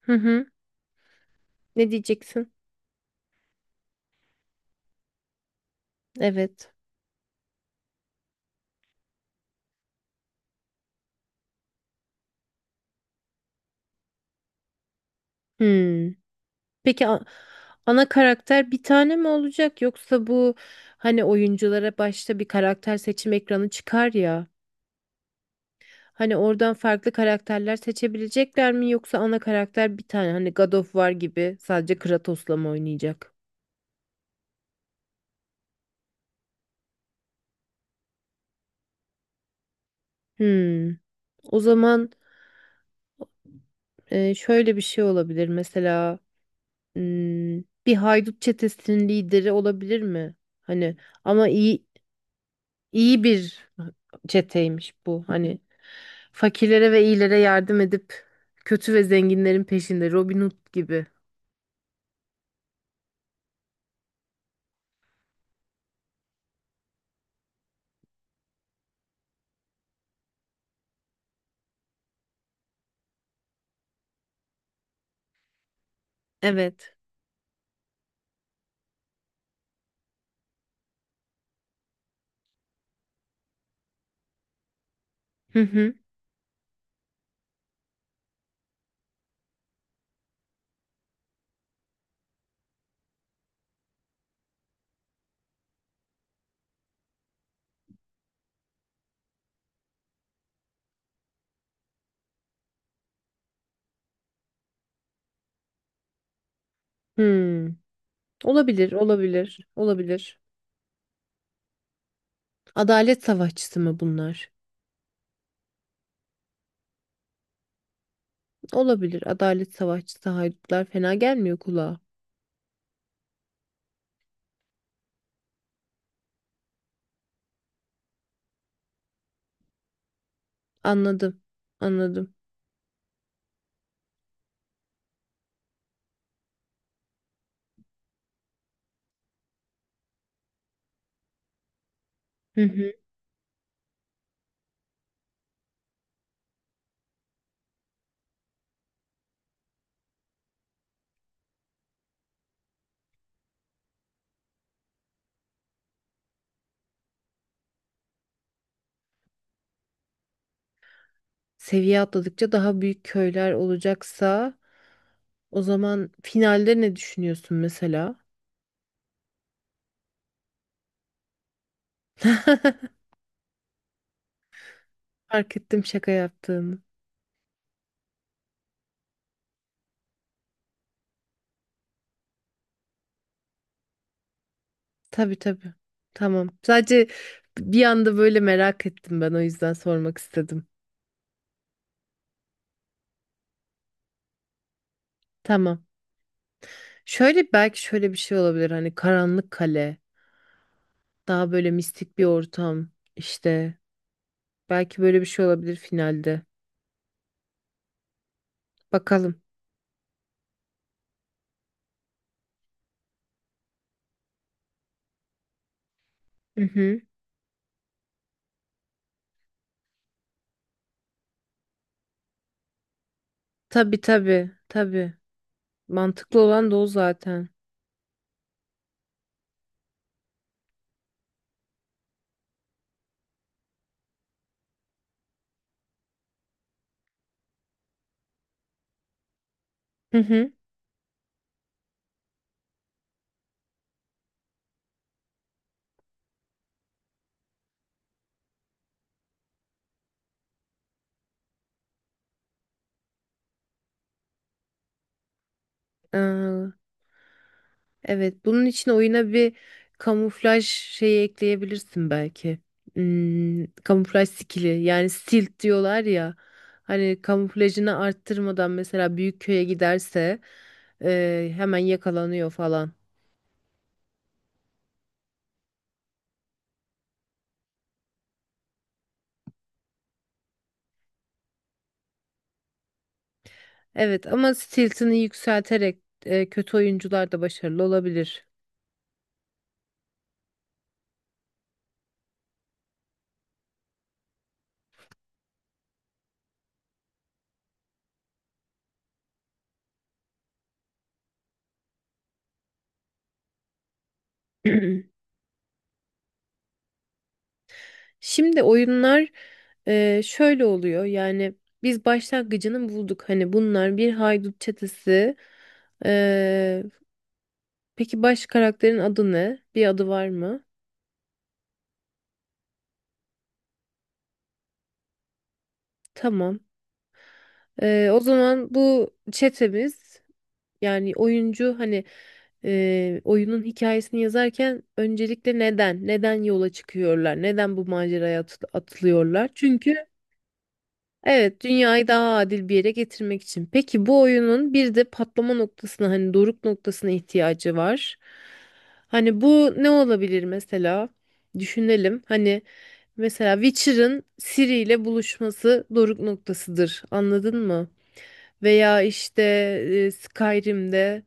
Hı hı. Ne diyeceksin? Evet. Hmm. Peki ana karakter bir tane mi olacak yoksa bu hani oyunculara başta bir karakter seçim ekranı çıkar ya. Hani oradan farklı karakterler seçebilecekler mi yoksa ana karakter bir tane hani God of War gibi sadece Kratos'la mı oynayacak? Hmm. O zaman şöyle bir şey olabilir mesela hmm, bir haydut çetesinin lideri olabilir mi? Hani ama iyi İyi bir çeteymiş bu. Hani fakirlere ve iyilere yardım edip kötü ve zenginlerin peşinde Robin Hood gibi. Evet. Hı hı. Hmm. Olabilir, olabilir, olabilir. Adalet savaşçısı mı bunlar? Olabilir. Adalet savaşçısı haydutlar fena gelmiyor kulağa. Anladım. Anladım. Hı hı. Seviye atladıkça daha büyük köyler olacaksa o zaman finalde ne düşünüyorsun mesela? Fark ettim şaka yaptığını. Tabii tabii. Tamam. Sadece bir anda böyle merak ettim ben o yüzden sormak istedim. Tamam. Şöyle belki şöyle bir şey olabilir hani karanlık kale, daha böyle mistik bir ortam işte. Belki böyle bir şey olabilir finalde. Bakalım. Hı hı. Tabii tabii tabii. Mantıklı olan da o zaten. Hı hı. Evet, bunun için oyuna bir kamuflaj şeyi ekleyebilirsin belki. Kamuflaj skili yani stilt diyorlar ya. Hani kamuflajını arttırmadan mesela büyük köye giderse hemen yakalanıyor falan. Evet ama stiltini yükselterek kötü oyuncular da başarılı olabilir. Şimdi oyunlar şöyle oluyor yani biz başlangıcını bulduk. Hani bunlar bir haydut çetesi. e, Peki baş karakterin adı ne? Bir adı var mı? Tamam. O zaman bu çetemiz yani oyuncu hani oyunun hikayesini yazarken öncelikle neden? Neden yola çıkıyorlar? Neden bu maceraya atılıyorlar? Çünkü Evet, dünyayı daha adil bir yere getirmek için. Peki bu oyunun bir de patlama noktasına hani doruk noktasına ihtiyacı var. Hani bu ne olabilir mesela? Düşünelim. Hani mesela Witcher'ın Ciri ile buluşması doruk noktasıdır. Anladın mı? Veya işte Skyrim'de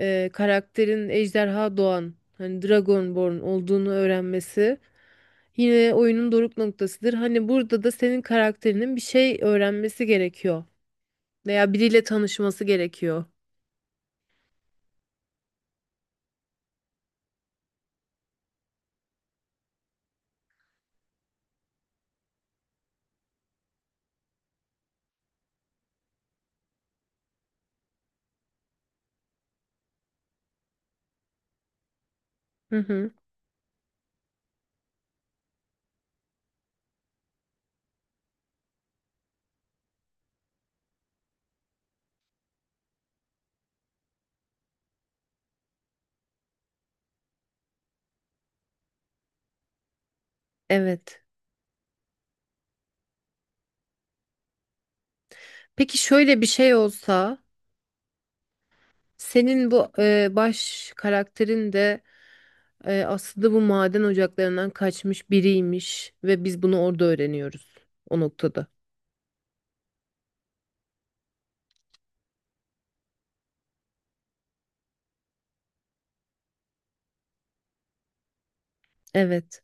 karakterin ejderha doğan hani Dragonborn olduğunu öğrenmesi yine oyunun doruk noktasıdır. Hani burada da senin karakterinin bir şey öğrenmesi gerekiyor veya biriyle tanışması gerekiyor. Hı hı. Evet. Peki şöyle bir şey olsa senin bu baş karakterin de aslında bu maden ocaklarından kaçmış biriymiş ve biz bunu orada öğreniyoruz o noktada. Evet,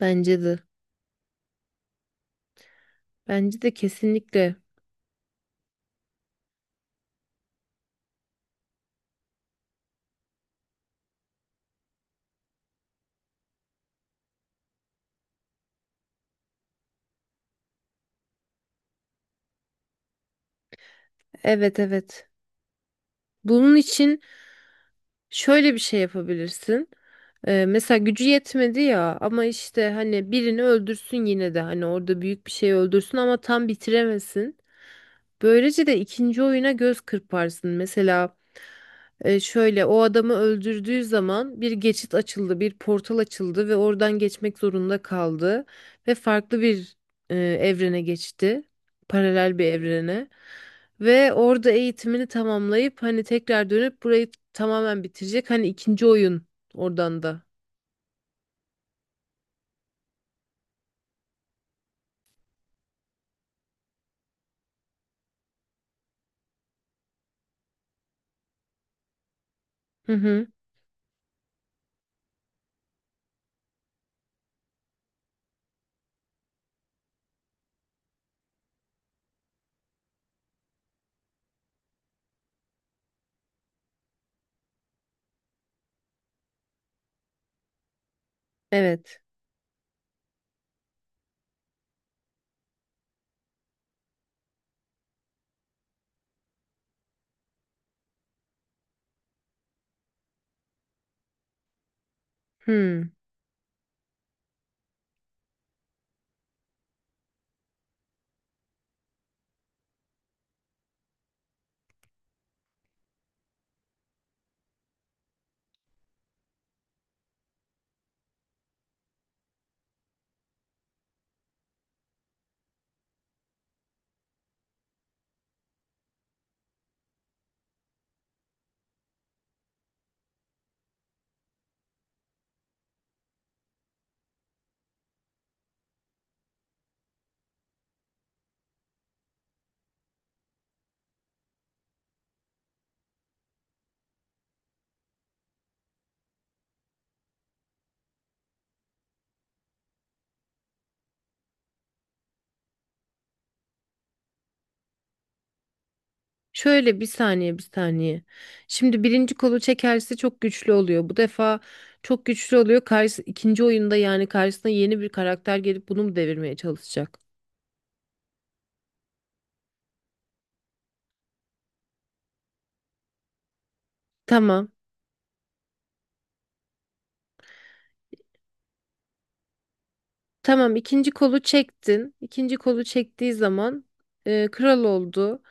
bence de. Bence de kesinlikle. Evet, evet. Bunun için şöyle bir şey yapabilirsin. Mesela gücü yetmedi ya ama işte hani birini öldürsün yine de hani orada büyük bir şey öldürsün ama tam bitiremesin. Böylece de ikinci oyuna göz kırparsın. Mesela şöyle o adamı öldürdüğü zaman bir geçit açıldı, bir portal açıldı ve oradan geçmek zorunda kaldı ve farklı bir evrene geçti. Paralel bir evrene. Ve orada eğitimini tamamlayıp hani tekrar dönüp burayı tamamen bitirecek. Hani ikinci oyun oradan da. Hı hı. Evet. Hmm. Şöyle bir saniye, bir saniye. Şimdi birinci kolu çekerse çok güçlü oluyor. Bu defa çok güçlü oluyor. İkinci oyunda yani karşısına yeni bir karakter gelip bunu mu devirmeye çalışacak? Tamam. Tamam, ikinci kolu çektin. İkinci kolu çektiği zaman kral oldu.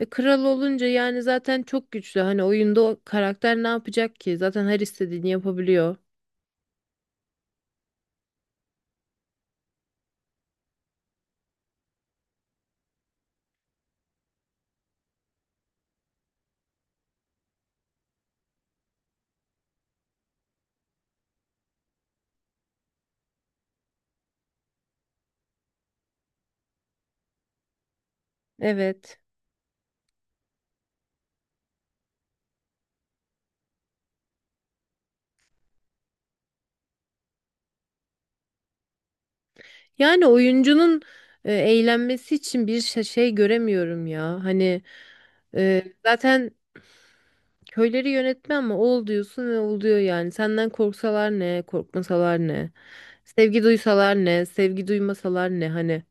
Kral olunca yani zaten çok güçlü. Hani oyunda o karakter ne yapacak ki? Zaten her istediğini yapabiliyor. Evet. Yani oyuncunun eğlenmesi için bir şey göremiyorum ya. Hani zaten köyleri yönetme ama ol diyorsun ve oluyor yani. Senden korksalar ne, korkmasalar ne. Sevgi duysalar ne, sevgi duymasalar ne hani.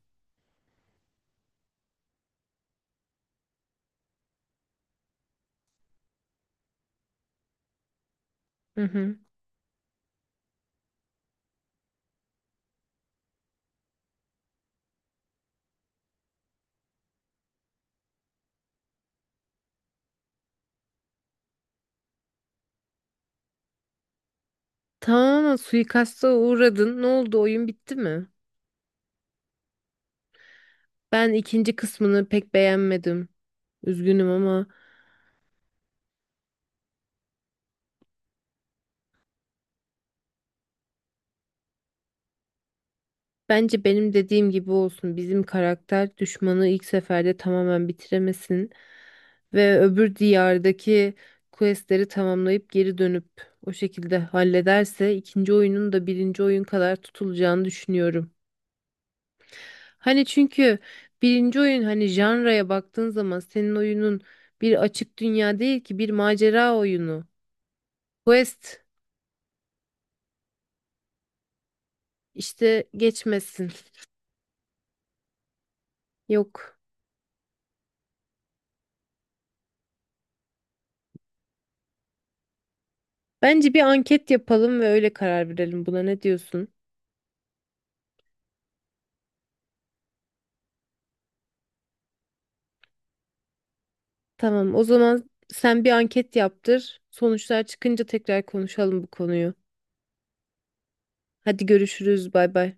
Hı hı. Tamamen suikasta uğradın. Ne oldu? Oyun bitti mi? Ben ikinci kısmını pek beğenmedim. Üzgünüm ama. Bence benim dediğim gibi olsun. Bizim karakter düşmanı ilk seferde tamamen bitiremesin ve öbür diyardaki questleri tamamlayıp geri dönüp o şekilde hallederse ikinci oyunun da birinci oyun kadar tutulacağını düşünüyorum. Hani çünkü birinci oyun hani janraya baktığın zaman senin oyunun bir açık dünya değil ki, bir macera oyunu. Quest işte geçmesin. Yok. Bence bir anket yapalım ve öyle karar verelim buna. Ne diyorsun? Tamam, o zaman sen bir anket yaptır. Sonuçlar çıkınca tekrar konuşalım bu konuyu. Hadi görüşürüz, bay bay.